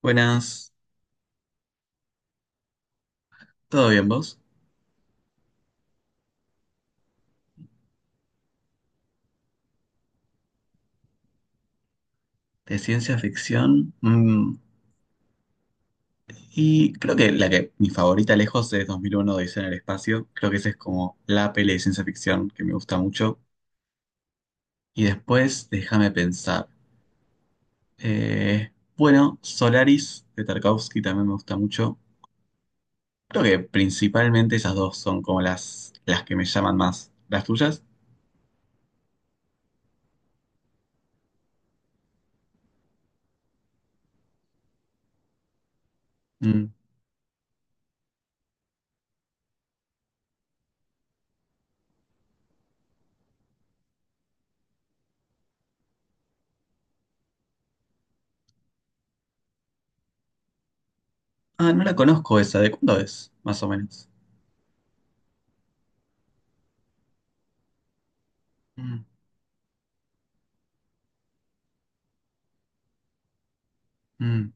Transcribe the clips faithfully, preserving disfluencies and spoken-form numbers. Buenas, ¿todo bien vos? De ciencia ficción. Mm, y creo que la que mi favorita lejos es dos mil uno Odisea en el espacio. Creo que esa es como la peli de ciencia ficción que me gusta mucho. Y después, déjame pensar. eh, bueno, Solaris de Tarkovsky también me gusta mucho. Creo que principalmente esas dos son como las, las que me llaman más. ¿Las tuyas? Mm. Ah, no la conozco esa. ¿De cuándo es? Más o menos. Mm, mm.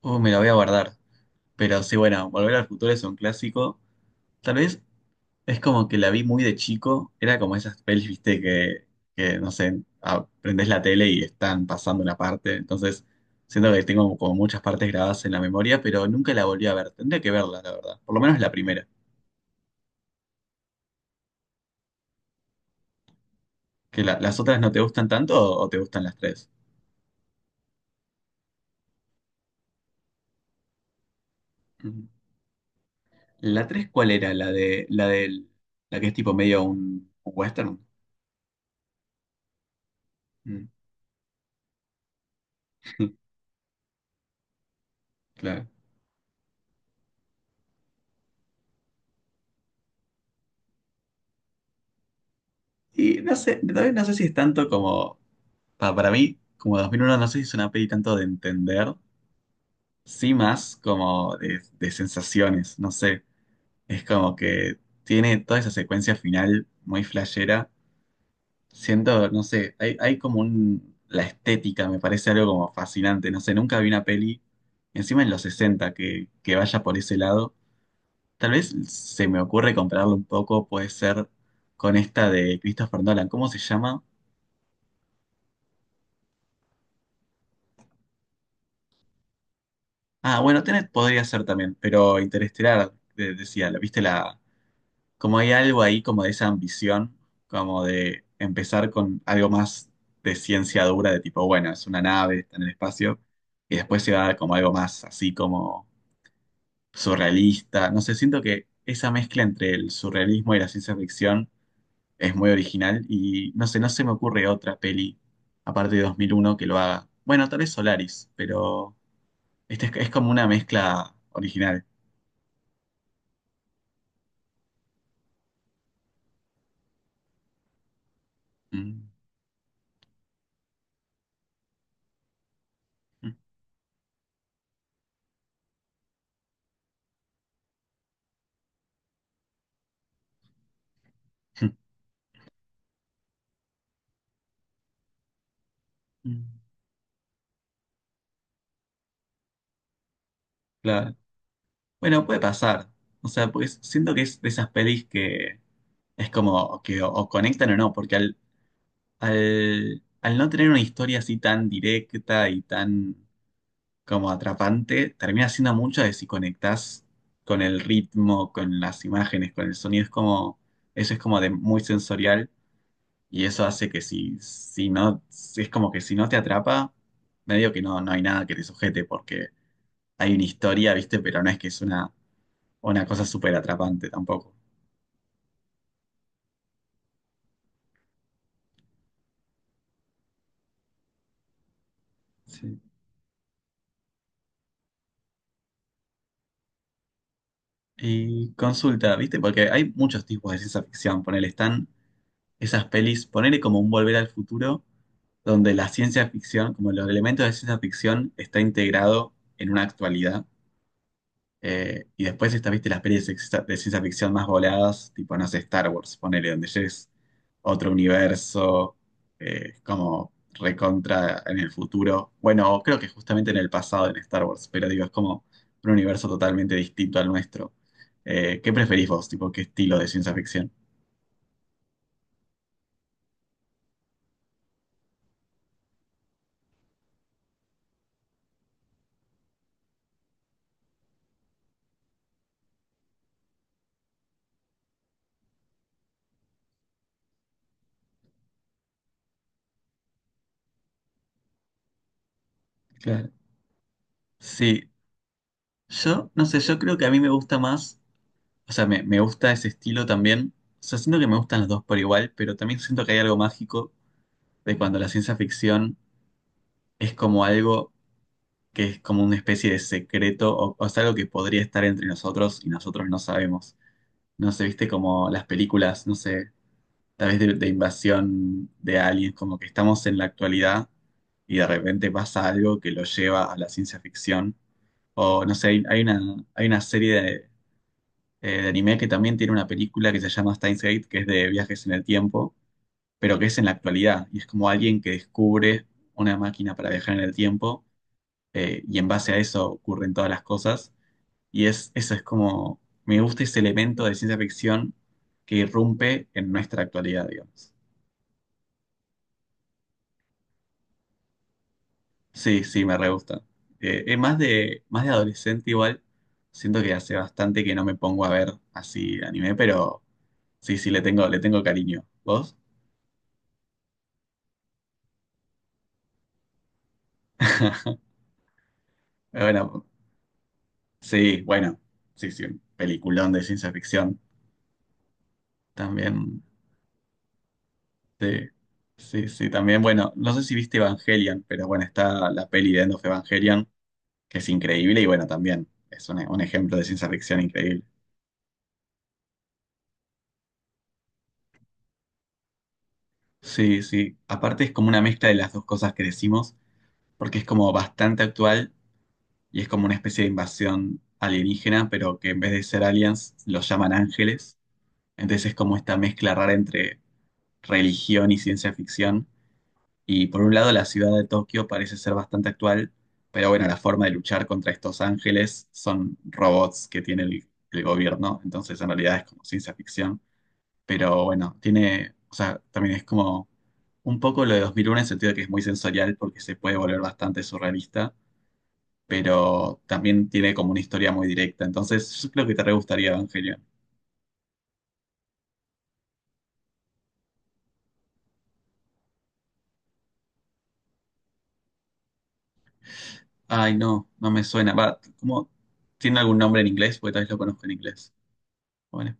Uh, me la voy a guardar. Pero sí, bueno, Volver al Futuro es un clásico. Tal vez es como que la vi muy de chico. Era como esas pelis, viste, que, que no sé, aprendés la tele y están pasando una parte. Entonces, siento que tengo como muchas partes grabadas en la memoria, pero nunca la volví a ver. Tendría que verla, la verdad. Por lo menos la primera. Que la- las otras no te gustan tanto o, o te gustan las tres. Ujú. ¿La tres cuál era? La de, la del, la que es tipo medio un, un western. Mm. Claro. Y no sé, también no sé si es tanto como, pa- para mí, como dos mil uno no sé si es una peli tanto de entender, sí más como de, de sensaciones, no sé, es como que tiene toda esa secuencia final muy flashera, siento, no sé, hay, hay como un, la estética me parece algo como fascinante, no sé, nunca vi una peli, encima en los sesenta que, que vaya por ese lado, tal vez se me ocurre compararlo un poco, puede ser con esta de Christopher Nolan, ¿cómo se llama? Ah, bueno, Tenet podría ser también, pero Interestelar, de- decía, la- viste la, como hay algo ahí como de esa ambición, como de empezar con algo más de ciencia dura, de tipo, bueno, es una nave, está en el espacio, y después se va como algo más así como surrealista. No sé, siento que esa mezcla entre el surrealismo y la ciencia ficción es muy original y no sé, no se me ocurre otra peli, aparte de dos mil uno que lo haga. Bueno, tal vez Solaris, pero este es es como una mezcla original. Mm, mm, mm, mm. Claro. Bueno, puede pasar. O sea, pues siento que es de esas pelis que es como que o, o conectan o no, porque al, al, al no tener una historia así tan directa y tan como atrapante, termina siendo mucho de si conectás con el ritmo, con las imágenes, con el sonido. Es como, eso es como de muy sensorial y eso hace que si, si no, es como que si no te atrapa, medio que no, no hay nada que te sujete porque hay una historia, ¿viste? Pero no es que es una, una cosa súper atrapante tampoco. Sí. Y consulta, ¿viste? Porque hay muchos tipos de ciencia ficción. Ponele, están esas pelis, ponele como un Volver al Futuro, donde la ciencia ficción, como los elementos de ciencia ficción, está integrado en una actualidad. Eh, y después está, viste, las pelis de ciencia, de ciencia ficción más voladas, tipo, no sé, Star Wars, ponele, donde ya es otro universo, eh, como recontra en el futuro. Bueno, creo que justamente en el pasado en Star Wars, pero digo, es como un universo totalmente distinto al nuestro. Eh, ¿qué preferís vos? Tipo, ¿qué estilo de ciencia ficción? Claro. Sí, yo no sé, yo creo que a mí me gusta más, o sea, me, me gusta ese estilo también. O sea, siento que me gustan los dos por igual, pero también siento que hay algo mágico de cuando la ciencia ficción es como algo que es como una especie de secreto o, o es algo que podría estar entre nosotros y nosotros no sabemos. No sé, viste como las películas, no sé, tal vez de, de invasión de aliens, como que estamos en la actualidad y de repente pasa algo que lo lleva a la ciencia ficción. O no sé, hay, hay una, hay una serie de, eh, de anime que también tiene una película que se llama Steins Gate, que es de viajes en el tiempo, pero que es en la actualidad y es como alguien que descubre una máquina para viajar en el tiempo eh, y en base a eso ocurren todas las cosas. Y es, eso es como, me gusta ese elemento de ciencia ficción que irrumpe en nuestra actualidad, digamos. Sí, sí, me re gusta. Eh, es más de, más de adolescente igual, siento que hace bastante que no me pongo a ver así anime, pero sí, sí, le tengo, le tengo cariño. ¿Vos? Bueno, sí, bueno, sí, sí, un peliculón de ciencia ficción. También sí, sí, sí, también, bueno, no sé si viste Evangelion, pero bueno, está la peli de End of Evangelion, que es increíble y bueno, también es un, un ejemplo de ciencia ficción increíble. Sí, sí, aparte es como una mezcla de las dos cosas que decimos, porque es como bastante actual y es como una especie de invasión alienígena, pero que en vez de ser aliens los llaman ángeles, entonces es como esta mezcla rara entre religión y ciencia ficción. Y por un lado, la ciudad de Tokio parece ser bastante actual, pero bueno, la forma de luchar contra estos ángeles son robots que tiene el, el gobierno, entonces en realidad es como ciencia ficción. Pero bueno, tiene, o sea, también es como un poco lo de dos mil uno en el sentido de que es muy sensorial porque se puede volver bastante surrealista, pero también tiene como una historia muy directa. Entonces, yo creo que te re gustaría Evangelion. Ay, no, no me suena. Va, ¿cómo? ¿Tiene algún nombre en inglés? Porque tal vez lo conozco en inglés. Bueno,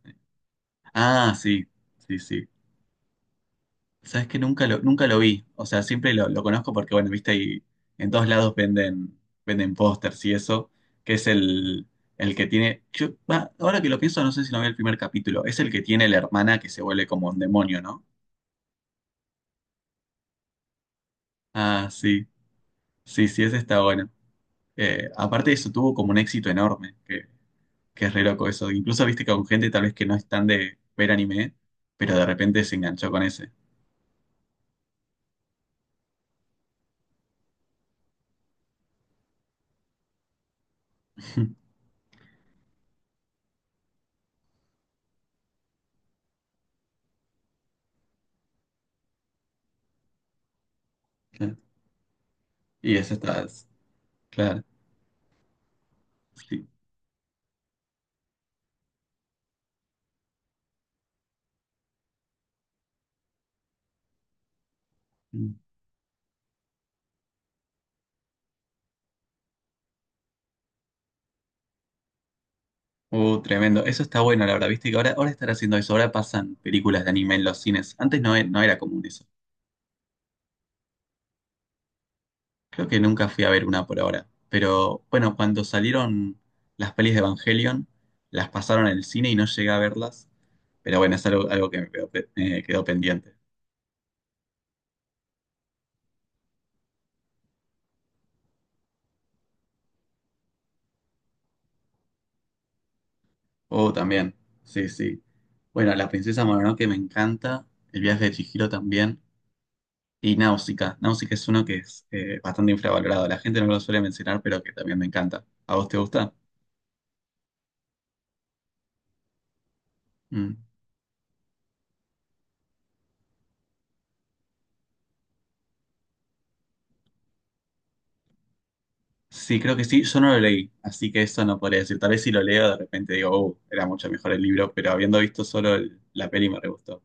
ah, sí, sí, sí. Sabes que nunca lo, nunca lo vi. O sea, siempre lo, lo conozco porque, bueno, viste, ahí en todos lados venden, venden pósters y eso, que es el, el que tiene. Yo, va, ahora que lo pienso, no sé si no vi el primer capítulo. Es el que tiene la hermana que se vuelve como un demonio, ¿no? Ah, sí. Sí, sí, ese está bueno. Eh, aparte de eso, tuvo como un éxito enorme, que, que es re loco eso. Incluso viste que con gente tal vez que no es tan de ver anime, pero de repente se enganchó con ese. Y ese está, claro. Sí. Uh, tremendo. Eso está bueno, la verdad. Viste que ahora, ahora están haciendo eso. Ahora pasan películas de anime en los cines. Antes no, e- no era común eso. Creo que nunca fui a ver una por ahora. Pero bueno, cuando salieron las pelis de Evangelion, las pasaron en el cine y no llegué a verlas. Pero bueno, es algo, algo que me quedó, pe- eh, quedó pendiente. Oh, también. Sí, sí. Bueno, La Princesa Mononoke me encanta. El viaje de Chihiro también. Y Náusica. Náusica es uno que es eh, bastante infravalorado. La gente no lo suele mencionar, pero que también me encanta. ¿A vos te gusta? Mm. Sí, creo que sí. Yo no lo leí, así que eso no podría decir. Tal vez si lo leo, de repente digo, uh, era mucho mejor el libro, pero habiendo visto solo el- la peli me re gustó.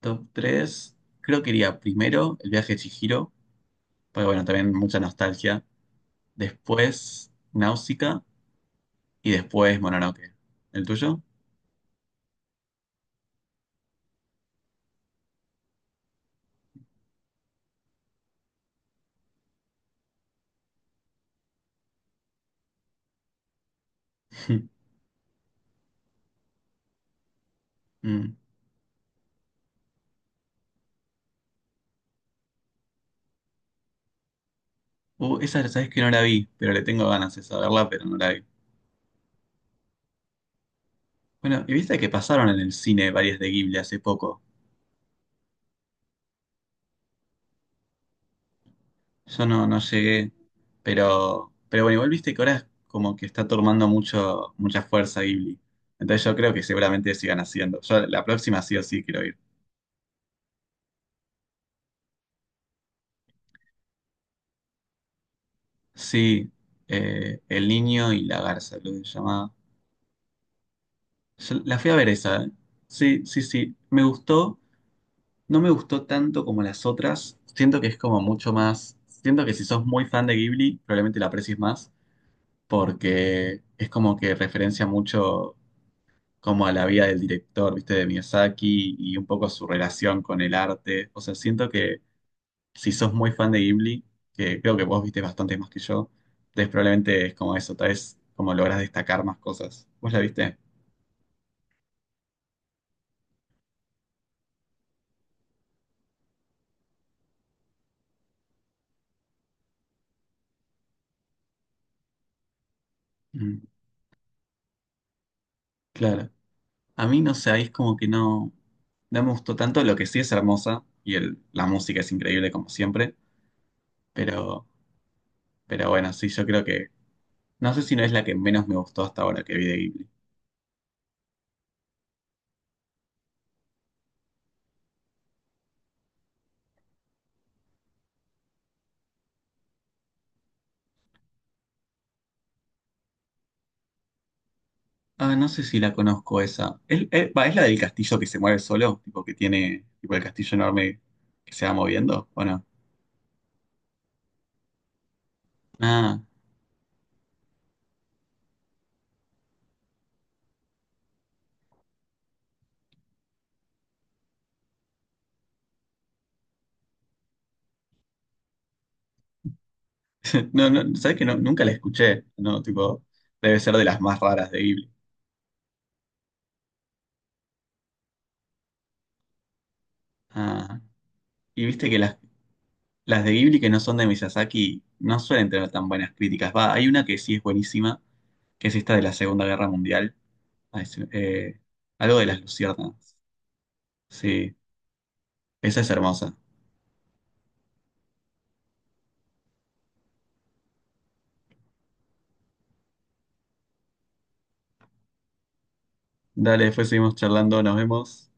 Top tres creo que iría primero El viaje de Chihiro, porque bueno, también mucha nostalgia. Después Náusica y después Mononoke. ¿El tuyo? Mm. Uh, esa sabes que no la vi, pero le tengo ganas de saberla, pero no la vi. Bueno, y viste que pasaron en el cine varias de Ghibli hace poco. Yo no, no llegué, pero, pero bueno, igual viste que ahora es como que está tomando mucho, mucha fuerza Ghibli. Entonces yo creo que seguramente sigan haciendo. Yo la próxima sí o sí quiero ir. Sí, eh, El Niño y la Garza, lo que se llamaba. Yo la fui a ver esa, ¿eh? Sí, sí, sí. Me gustó, no me gustó tanto como las otras. Siento que es como mucho más. Siento que si sos muy fan de Ghibli, probablemente la aprecies más, porque es como que referencia mucho como a la vida del director, viste, de Miyazaki y un poco su relación con el arte. O sea, siento que si sos muy fan de Ghibli, que creo que vos viste bastante más que yo, entonces probablemente es como eso, tal vez como logras destacar más cosas. ¿Vos la viste? Mm, claro. A mí no sé, ahí es como que no, no me gustó tanto, lo que sí es hermosa y el, la música es increíble como siempre, pero, pero bueno, sí, yo creo que, no sé si no es la que menos me gustó hasta ahora que vi de Ghibli. Ah, no sé si la conozco esa. ¿Es, es- va, ¿es la del castillo que se mueve solo? Tipo que tiene, tipo el castillo enorme que se va moviendo, ¿o no? Ah, no, no, ¿sabes que no, nunca la escuché? No, tipo, debe ser de las más raras de Ghibli. Ah, y viste que las, las de Ghibli que no son de Miyazaki no suelen tener tan buenas críticas. Va, hay una que sí es buenísima, que es esta de la Segunda Guerra Mundial. Ah, es, eh, algo de las luciérnagas. Sí, esa es hermosa. Dale, después seguimos charlando, nos vemos.